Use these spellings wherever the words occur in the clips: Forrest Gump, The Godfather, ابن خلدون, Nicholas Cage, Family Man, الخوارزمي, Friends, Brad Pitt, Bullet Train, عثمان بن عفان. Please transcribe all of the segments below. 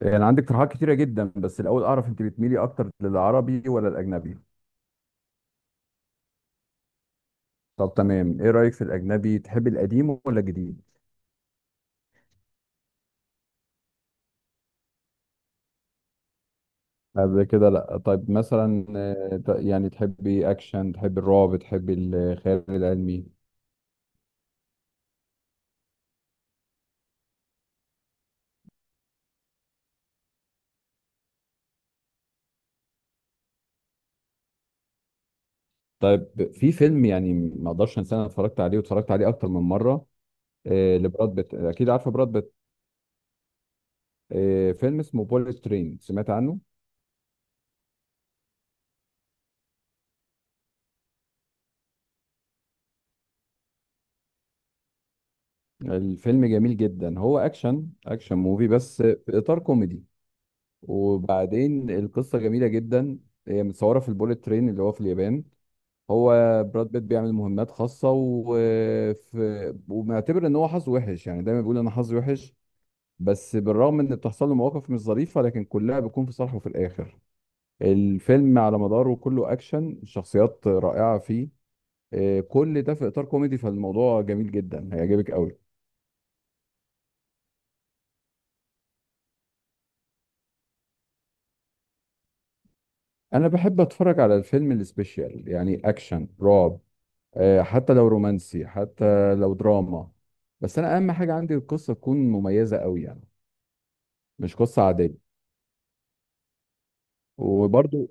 يعني عندك اقتراحات كتيرة جدا، بس الأول أعرف أنت بتميلي أكتر للعربي ولا الأجنبي؟ طب تمام، إيه رأيك في الأجنبي، تحبي القديم ولا الجديد؟ قبل كده لأ. طيب مثلا، يعني تحبي أكشن، تحبي الرعب، تحبي الخيال العلمي؟ طيب، في فيلم يعني ما أقدرش أنساه، أنا اتفرجت عليه واتفرجت عليه أكتر من مرة. لبراد بيت، أكيد عارفة براد بيت. فيلم اسمه بوليت ترين، سمعت عنه؟ الفيلم جميل جدا، هو أكشن، أكشن موفي بس في إطار كوميدي. وبعدين القصة جميلة جدا. هي متصورة في البوليت ترين اللي هو في اليابان. هو براد بيت بيعمل مهمات خاصة، وفي ومعتبر ان هو حظه وحش، يعني دايما بيقول انا حظي وحش. بس بالرغم ان بتحصل له مواقف مش ظريفة، لكن كلها بتكون في صالحه في الاخر. الفيلم على مداره كله اكشن، الشخصيات رائعة فيه. كل ده في اطار كوميدي، فالموضوع جميل جدا، هيعجبك قوي. انا بحب اتفرج على الفيلم السبيشال، يعني اكشن، رعب، حتى لو رومانسي، حتى لو دراما. بس انا اهم حاجه عندي القصه تكون مميزه قوي، يعني مش قصه عاديه. وبرضو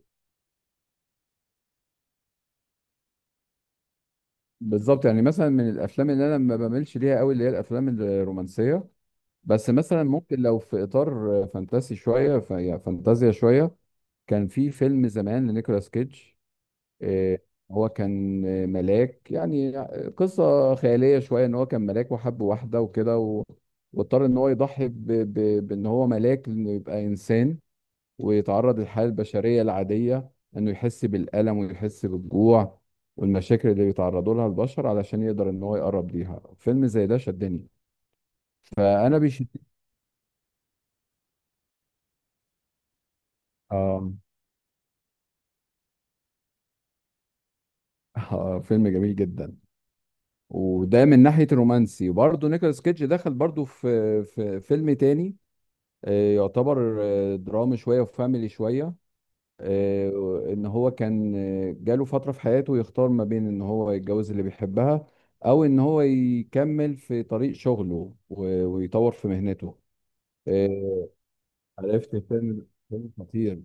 بالظبط، يعني مثلا من الافلام اللي انا ما بميلش ليها قوي اللي هي الافلام الرومانسيه. بس مثلا ممكن لو في اطار فانتاسي شويه، يعني فانتازيا شويه. كان في فيلم زمان لنيكولاس كيدج. آه، هو كان ملاك يعني. قصة خيالية شوية، ان هو كان ملاك وحب واحدة وكده واضطر ان هو يضحي بان هو ملاك، انه يبقى انسان، ويتعرض للحياة البشرية العادية، انه يحس بالألم ويحس بالجوع والمشاكل اللي بيتعرضوا لها البشر، علشان يقدر ان هو يقرب ليها. فيلم زي ده شدني، فانا بيشد. آه. فيلم جميل جدا. وده من ناحية الرومانسي. وبرضه نيكولاس كيدج دخل برضه في في فيلم تاني. يعتبر درامي شوية وفاميلي شوية. إن هو كان جاله فترة في حياته يختار ما بين إن هو يتجوز اللي بيحبها، أو إن هو يكمل في طريق شغله و- ويطور في مهنته. آه، عرفت فيلم خطير.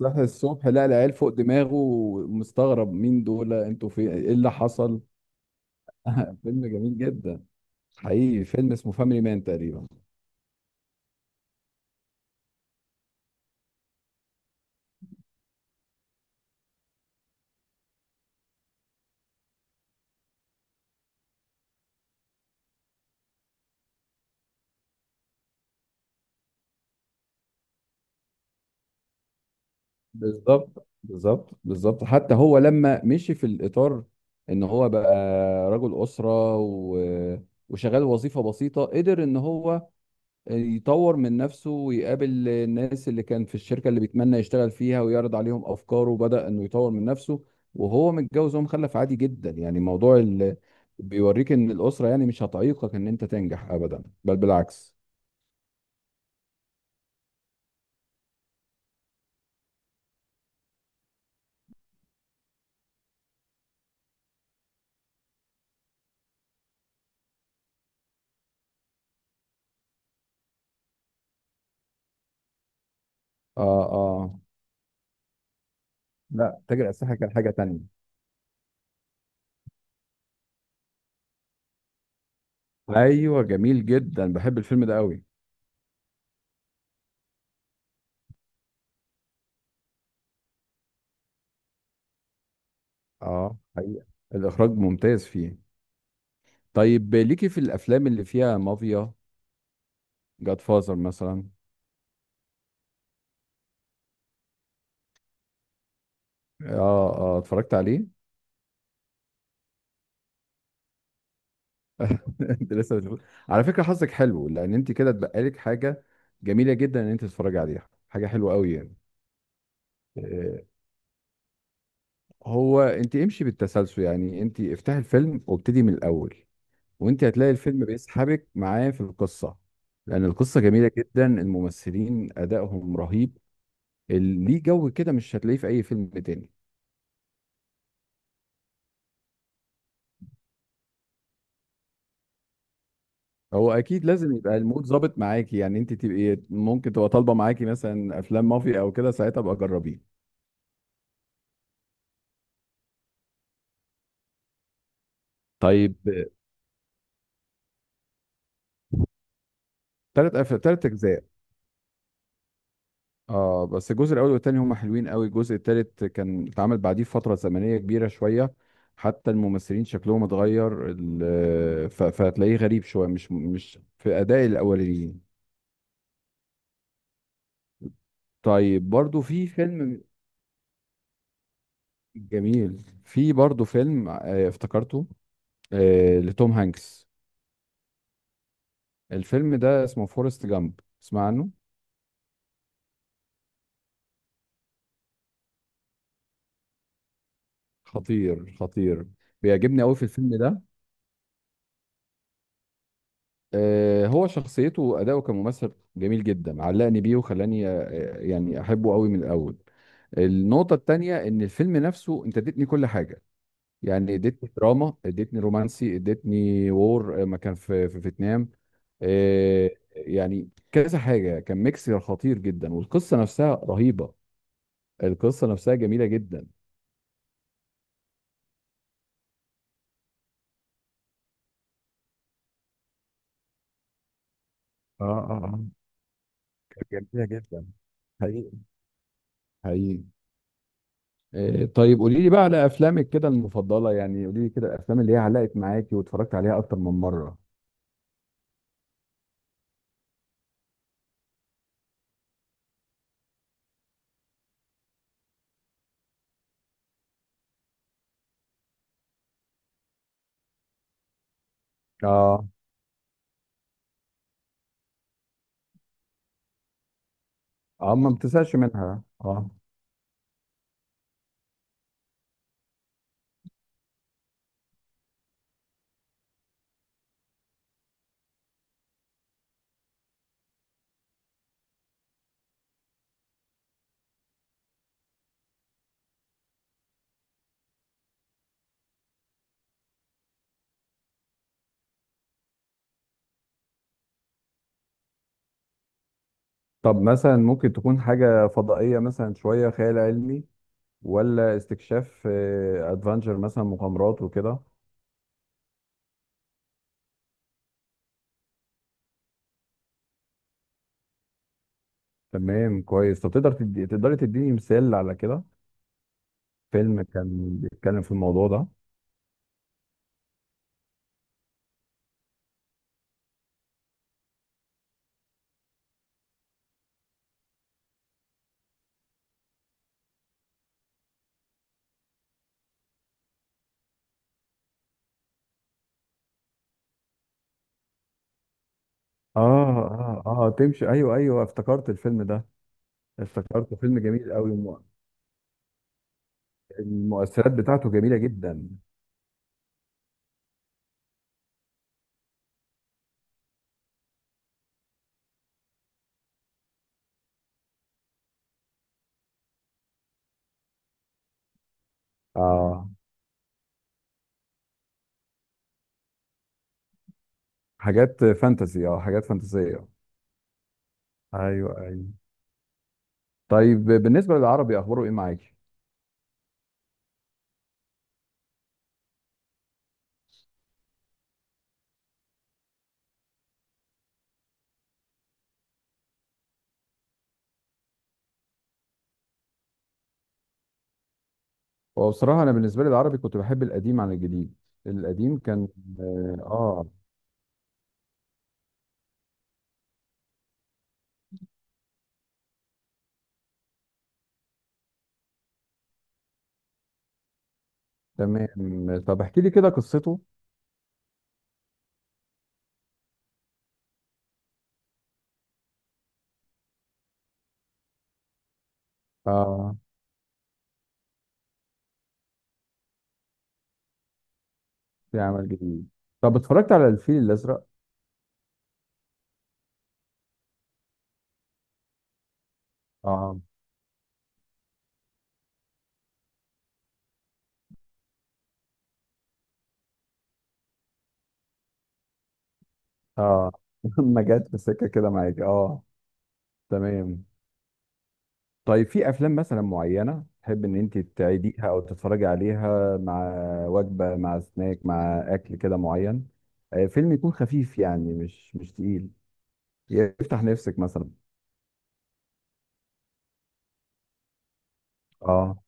صحي الصبح لقى العيال فوق دماغه، مستغرب مين دول، انتوا في ايه اللي حصل. فيلم جميل جدا. حقيقي فيلم اسمه فاميلي مان تقريبا. بالظبط بالظبط بالظبط، حتى هو لما مشي في الإطار إن هو بقى رجل أسرة وشغال وظيفة بسيطة، قدر إن هو يطور من نفسه ويقابل الناس اللي كان في الشركة اللي بيتمنى يشتغل فيها، ويعرض عليهم أفكاره، وبدأ إنه يطور من نفسه وهو متجوز ومخلف عادي جدا، يعني موضوع بيوريك إن الأسرة يعني مش هتعيقك إن أنت تنجح أبدا، بل بالعكس. آه آه. لا، تاجر أسلحة كان حاجة تانية. أيوه جميل جدا، بحب الفيلم ده قوي. اه حقيقة، الإخراج ممتاز فيه. طيب، ليكي في الأفلام اللي فيها مافيا، جاد فازر مثلا؟ اه اه، اتفرجت عليه. انت لسه بتقول، على فكرة حظك حلو، لأن انت كده اتبقى لك حاجة جميلة جدا ان انت تتفرجي عليها، حاجة حلوة قوي يعني. آه، هو انت امشي بالتسلسل، يعني انت افتحي الفيلم وابتدي من الأول. وانت هتلاقي الفيلم بيسحبك معاه في القصة، لأن القصة جميلة جدا، الممثلين أدائهم رهيب. ليه جو كده مش هتلاقيه في أي فيلم تاني. هو اكيد لازم يبقى المود ظابط معاكي، يعني انت تبقي ممكن تبقى طالبه معاكي مثلا افلام مافيا او كده، ساعتها ابقى جربيه. طيب، تلات اجزاء. اه، بس الجزء الاول والتاني هما حلوين قوي. الجزء التالت كان اتعمل بعديه فتره زمنيه كبيره شويه، حتى الممثلين شكلهم اتغير. فهتلاقيه غريب شويه، مش في اداء الاولين. طيب برضو في فيلم جميل، في برضو فيلم افتكرته، لتوم هانكس. الفيلم ده اسمه فورست جامب، اسمع عنه؟ خطير خطير. بيعجبني قوي في الفيلم ده. هو شخصيته وأداؤه كممثل جميل جدا، علقني بيه وخلاني يعني أحبه قوي من الأول. النقطة التانية إن الفيلم نفسه، أنت اديتني كل حاجة، يعني اديتني دراما، اديتني رومانسي، اديتني وور، ما كان في في فيتنام. يعني كذا حاجة، كان ميكس خطير جدا، والقصة نفسها رهيبة. القصة نفسها جميلة جدا. اه اه، آه. كانت جميله جدا، حقيقي، حقيقي. طيب قولي لي بقى على افلامك كده المفضله، يعني قولي لي كده الافلام اللي هي علقت معاكي واتفرجت عليها اكتر من مره. اه اه، ما بتزهقش منها، اه. طب مثلا ممكن تكون حاجه فضائيه، مثلا شويه خيال علمي، ولا استكشاف، ادفنتشر مثلا، مغامرات وكده؟ تمام، كويس. طب تقدري تديني مثال على كده؟ فيلم كان بيتكلم في الموضوع ده. اه اه اه، تمشي، ايوه ايوه افتكرت الفيلم ده. افتكرته فيلم جميل قوي. المؤثرات بتاعته جميلة جدا. اه، حاجات فانتسي، اه حاجات فانتسية. ايوه ايوه. طيب بالنسبة للعربي، أخباره إيه معاكي؟ هو بصراحة أنا بالنسبة لي العربي كنت بحب القديم عن الجديد، القديم كان آه آه، تمام. طب احكي لي كده قصته. اه، في عمل جديد. طب اتفرجت على الفيل الأزرق؟ اه اه. ما جت في سكة كده معاك. تمام. طيب، في افلام مثلا معينه تحب ان انت تعيديها او تتفرجي عليها مع وجبه، مع سناك، مع اكل كده معين، فيلم يكون خفيف، يعني مش تقيل، يفتح نفسك مثلا؟ اه،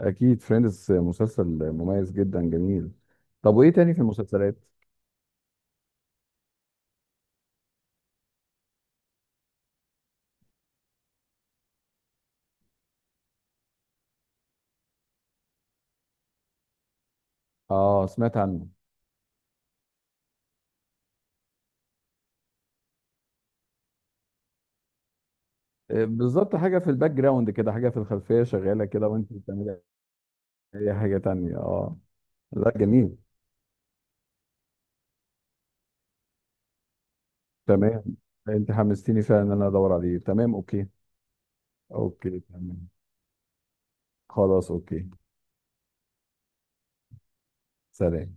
اكيد فريندز مسلسل مميز جدا، جميل. طب وايه تاني في المسلسلات؟ اه، سمعت عنه. بالظبط، حاجه في الباك جراوند كده، حاجه في الخلفيه شغاله كده وانت بتعملي اي حاجه تانية، اه. لا جميل. تمام، انت حمستيني فعلا ان انا ادور عليه. تمام، اوكي. اوكي تمام. خلاص اوكي. سلام.